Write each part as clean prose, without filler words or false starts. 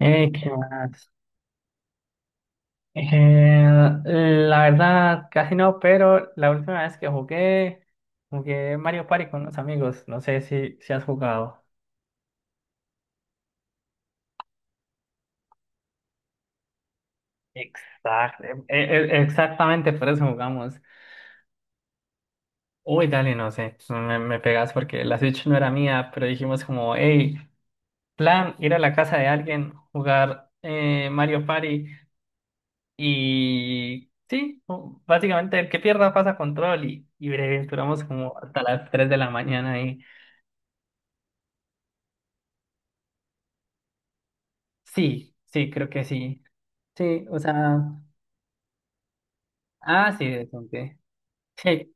¿Qué más? Eh, la verdad, casi no. Pero la última vez que jugué Mario Party con unos amigos. No sé si has jugado. Exacto, exactamente por eso jugamos. Uy, dale, no sé, me pegas porque la Switch no era mía. Pero dijimos como, hey, plan, ir a la casa de alguien, jugar Mario Party. Y sí, básicamente el que pierda pasa control y breve, duramos como hasta las 3 de la mañana ahí. Sí, sí, creo que sí. Sí, o sea, ah, sí, de Dante. Sí,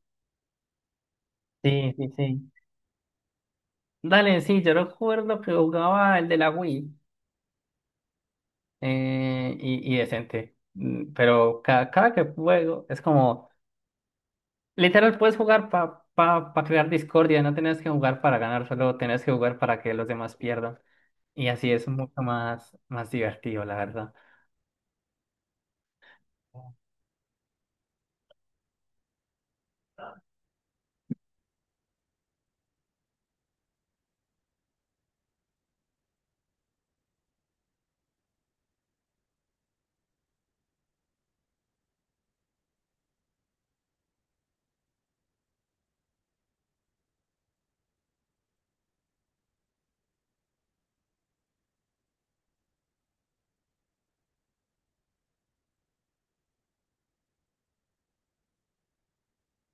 sí, sí, sí. Dale, sí, yo recuerdo que jugaba el de la Wii y decente. Pero cada que juego es como, literal, puedes jugar para pa, pa pa crear discordia. No tenés que jugar para ganar, solo tenés que jugar para que los demás pierdan. Y así es mucho más, más divertido, la verdad.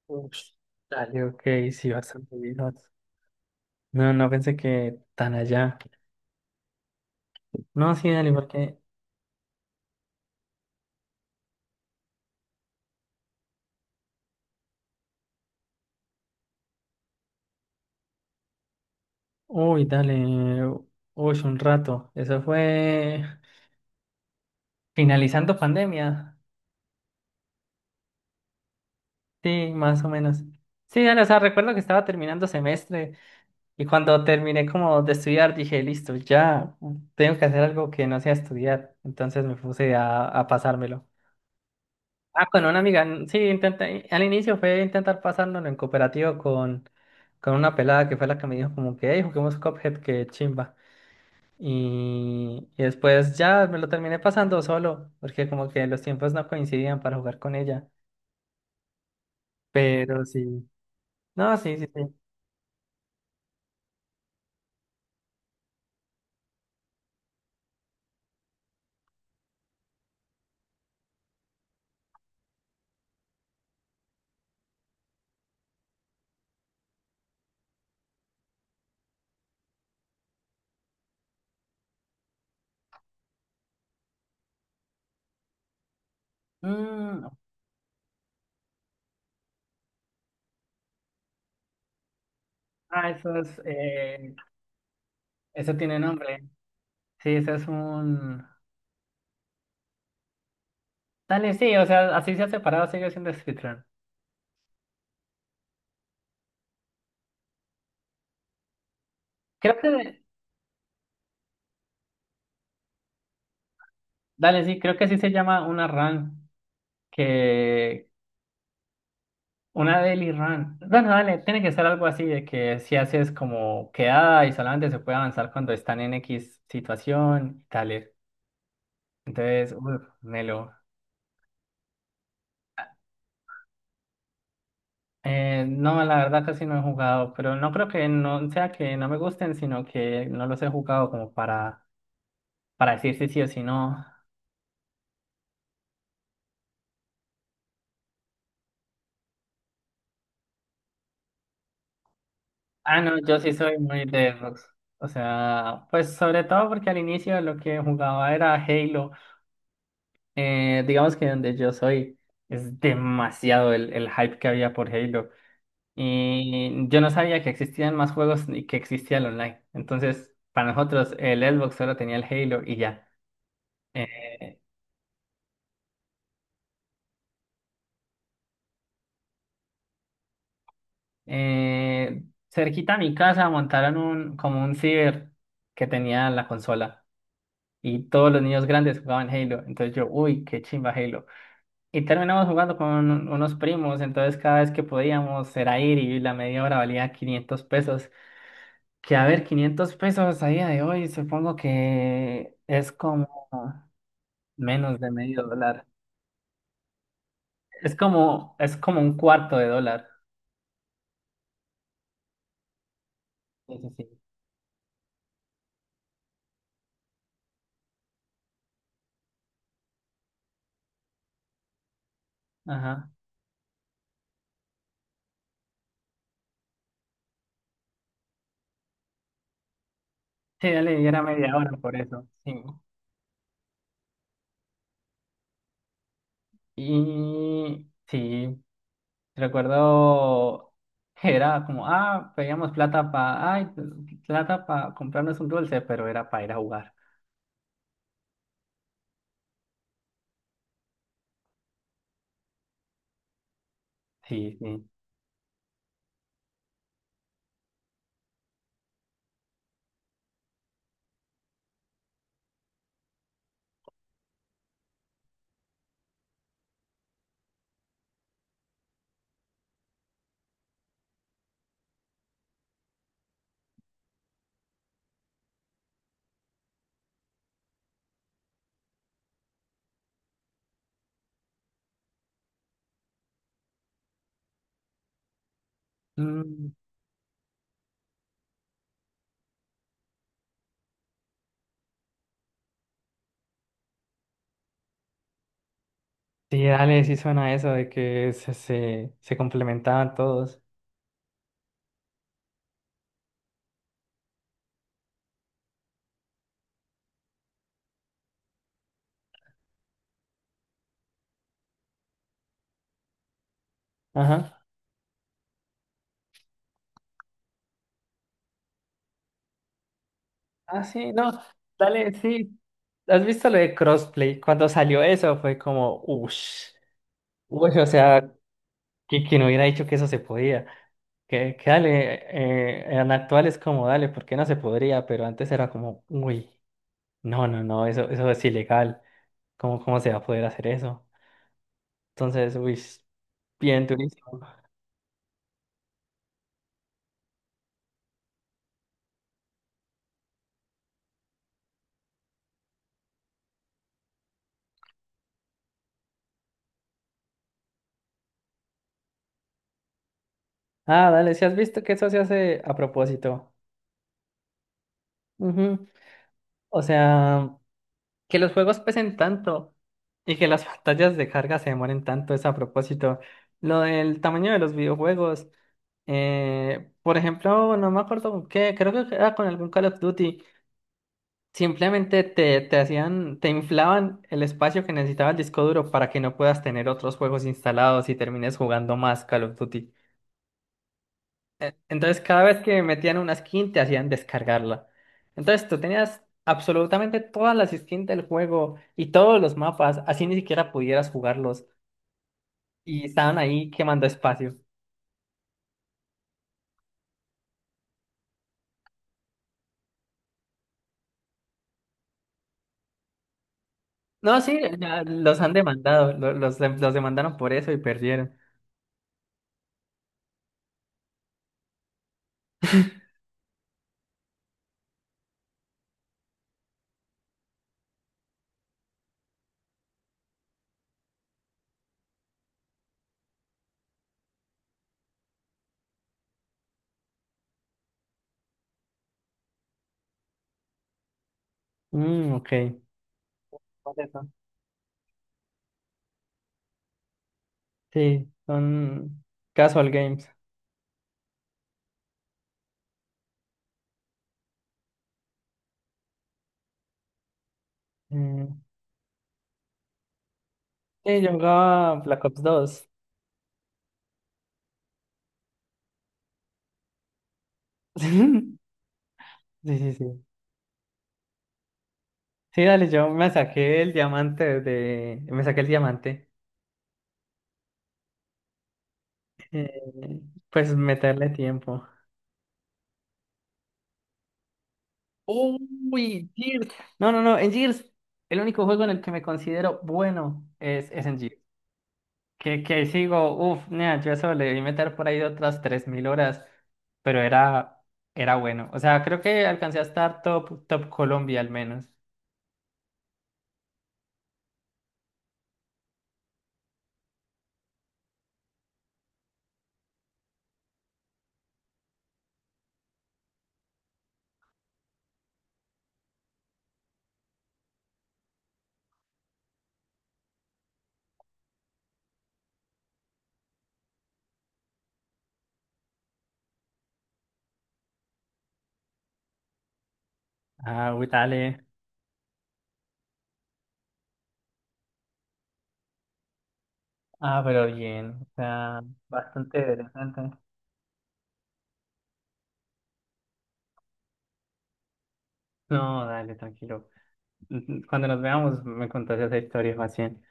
Uf, dale, ok, sí, bastante bien. No, no pensé que tan allá. No, sí, dale, porque. Uy, dale. Uy, un rato. Eso fue finalizando pandemia. Sí, más o menos. Sí, dale, o sea, recuerdo que estaba terminando semestre. Y cuando terminé como de estudiar dije, listo, ya tengo que hacer algo que no sea estudiar. Entonces me puse a pasármelo. Ah, con una amiga. Sí, intenté. Al inicio fue intentar pasármelo en cooperativo con una pelada que fue la que me dijo como que, hey, juguemos Cuphead, que chimba. Y después ya me lo terminé pasando solo, porque como que los tiempos no coincidían para jugar con ella. Pero sí, no, sí, sí, sí. Mm, ah, eso tiene nombre. Sí, eso es un... Dale, sí, o sea, así se ha separado, sigue siendo speedrun. Creo que, dale, sí, creo que sí se llama una run, que... Una daily run. Bueno, dale, tiene que ser algo así de que si haces como quedada y solamente se puede avanzar cuando están en X situación y tal. Entonces, uff, Nelo. No, la verdad casi no he jugado, pero no creo que no sea que no me gusten, sino que no los he jugado como para decir si sí o si no. Ah, no, yo sí soy muy de Xbox. O sea, pues sobre todo porque al inicio lo que jugaba era Halo. Digamos que donde yo soy es demasiado el hype que había por Halo. Y yo no sabía que existían más juegos ni que existía el online. Entonces, para nosotros el Xbox solo tenía el Halo y ya. Eh, eh, Cerquita a mi casa montaron como un ciber que tenía la consola y todos los niños grandes jugaban Halo. Entonces yo, uy, qué chimba Halo. Y terminamos jugando con unos primos. Entonces, cada vez que podíamos era ir y la media hora valía 500 pesos. Que a ver, 500 pesos a día de hoy supongo que es como menos de medio dólar. Es como un cuarto de dólar. Sí, sí, sí. Ajá. Sí, dale, y era media hora por eso. Sí. Y sí, recuerdo que era como, ah, pedíamos plata para comprarnos un dulce, pero era para ir a jugar. Sí, sí. Mm, sí, dale, sí suena eso de que se complementaban todos. Ajá. Ah, sí, no, dale, sí. ¿Has visto lo de crossplay? Cuando salió eso fue como, uff, uy, o sea, y quien hubiera dicho que eso se podía. Que dale, en actual es como dale, ¿por qué no se podría? Pero antes era como, uy, no, no, no, eso es ilegal. ¿Cómo se va a poder hacer eso? Entonces, uy, bien durísimo. Ah, dale, si has visto que eso se hace a propósito. Ujú. O sea. Que los juegos pesen tanto y que las pantallas de carga se demoren tanto es a propósito. Lo del tamaño de los videojuegos, por ejemplo, no me acuerdo con qué, creo que era con algún Call of Duty. Simplemente te inflaban el espacio que necesitaba el disco duro para que no puedas tener otros juegos instalados y termines jugando más Call of Duty. Entonces, cada vez que metían una skin, te hacían descargarla. Entonces, tú tenías absolutamente todas las skins del juego y todos los mapas, así ni siquiera pudieras jugarlos. Y estaban ahí quemando espacio. No, sí, ya los han demandado, los demandaron por eso y perdieron. Mm, ok. Por eso. Sí, son casual games. Mm, sí, yo jugaba Black Ops 2. Sí, sí, sí. Sí, dale, yo me saqué el diamante de... Me saqué el diamante. Eh, pues meterle tiempo. Uy, Gears. No, no, no, en Gears, el único juego en el que me considero bueno es en Gears. Que sigo, uff, yo eso le debí meter por ahí otras 3000 horas, pero era bueno. O sea, creo que alcancé a estar top, top Colombia al menos. Ah, uy, dale. Ah, pero bien, o sea, bastante interesante. No, dale, tranquilo. Cuando nos veamos, me contás esa historia más bien.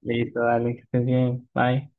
Listo, dale, que estés bien. Bye.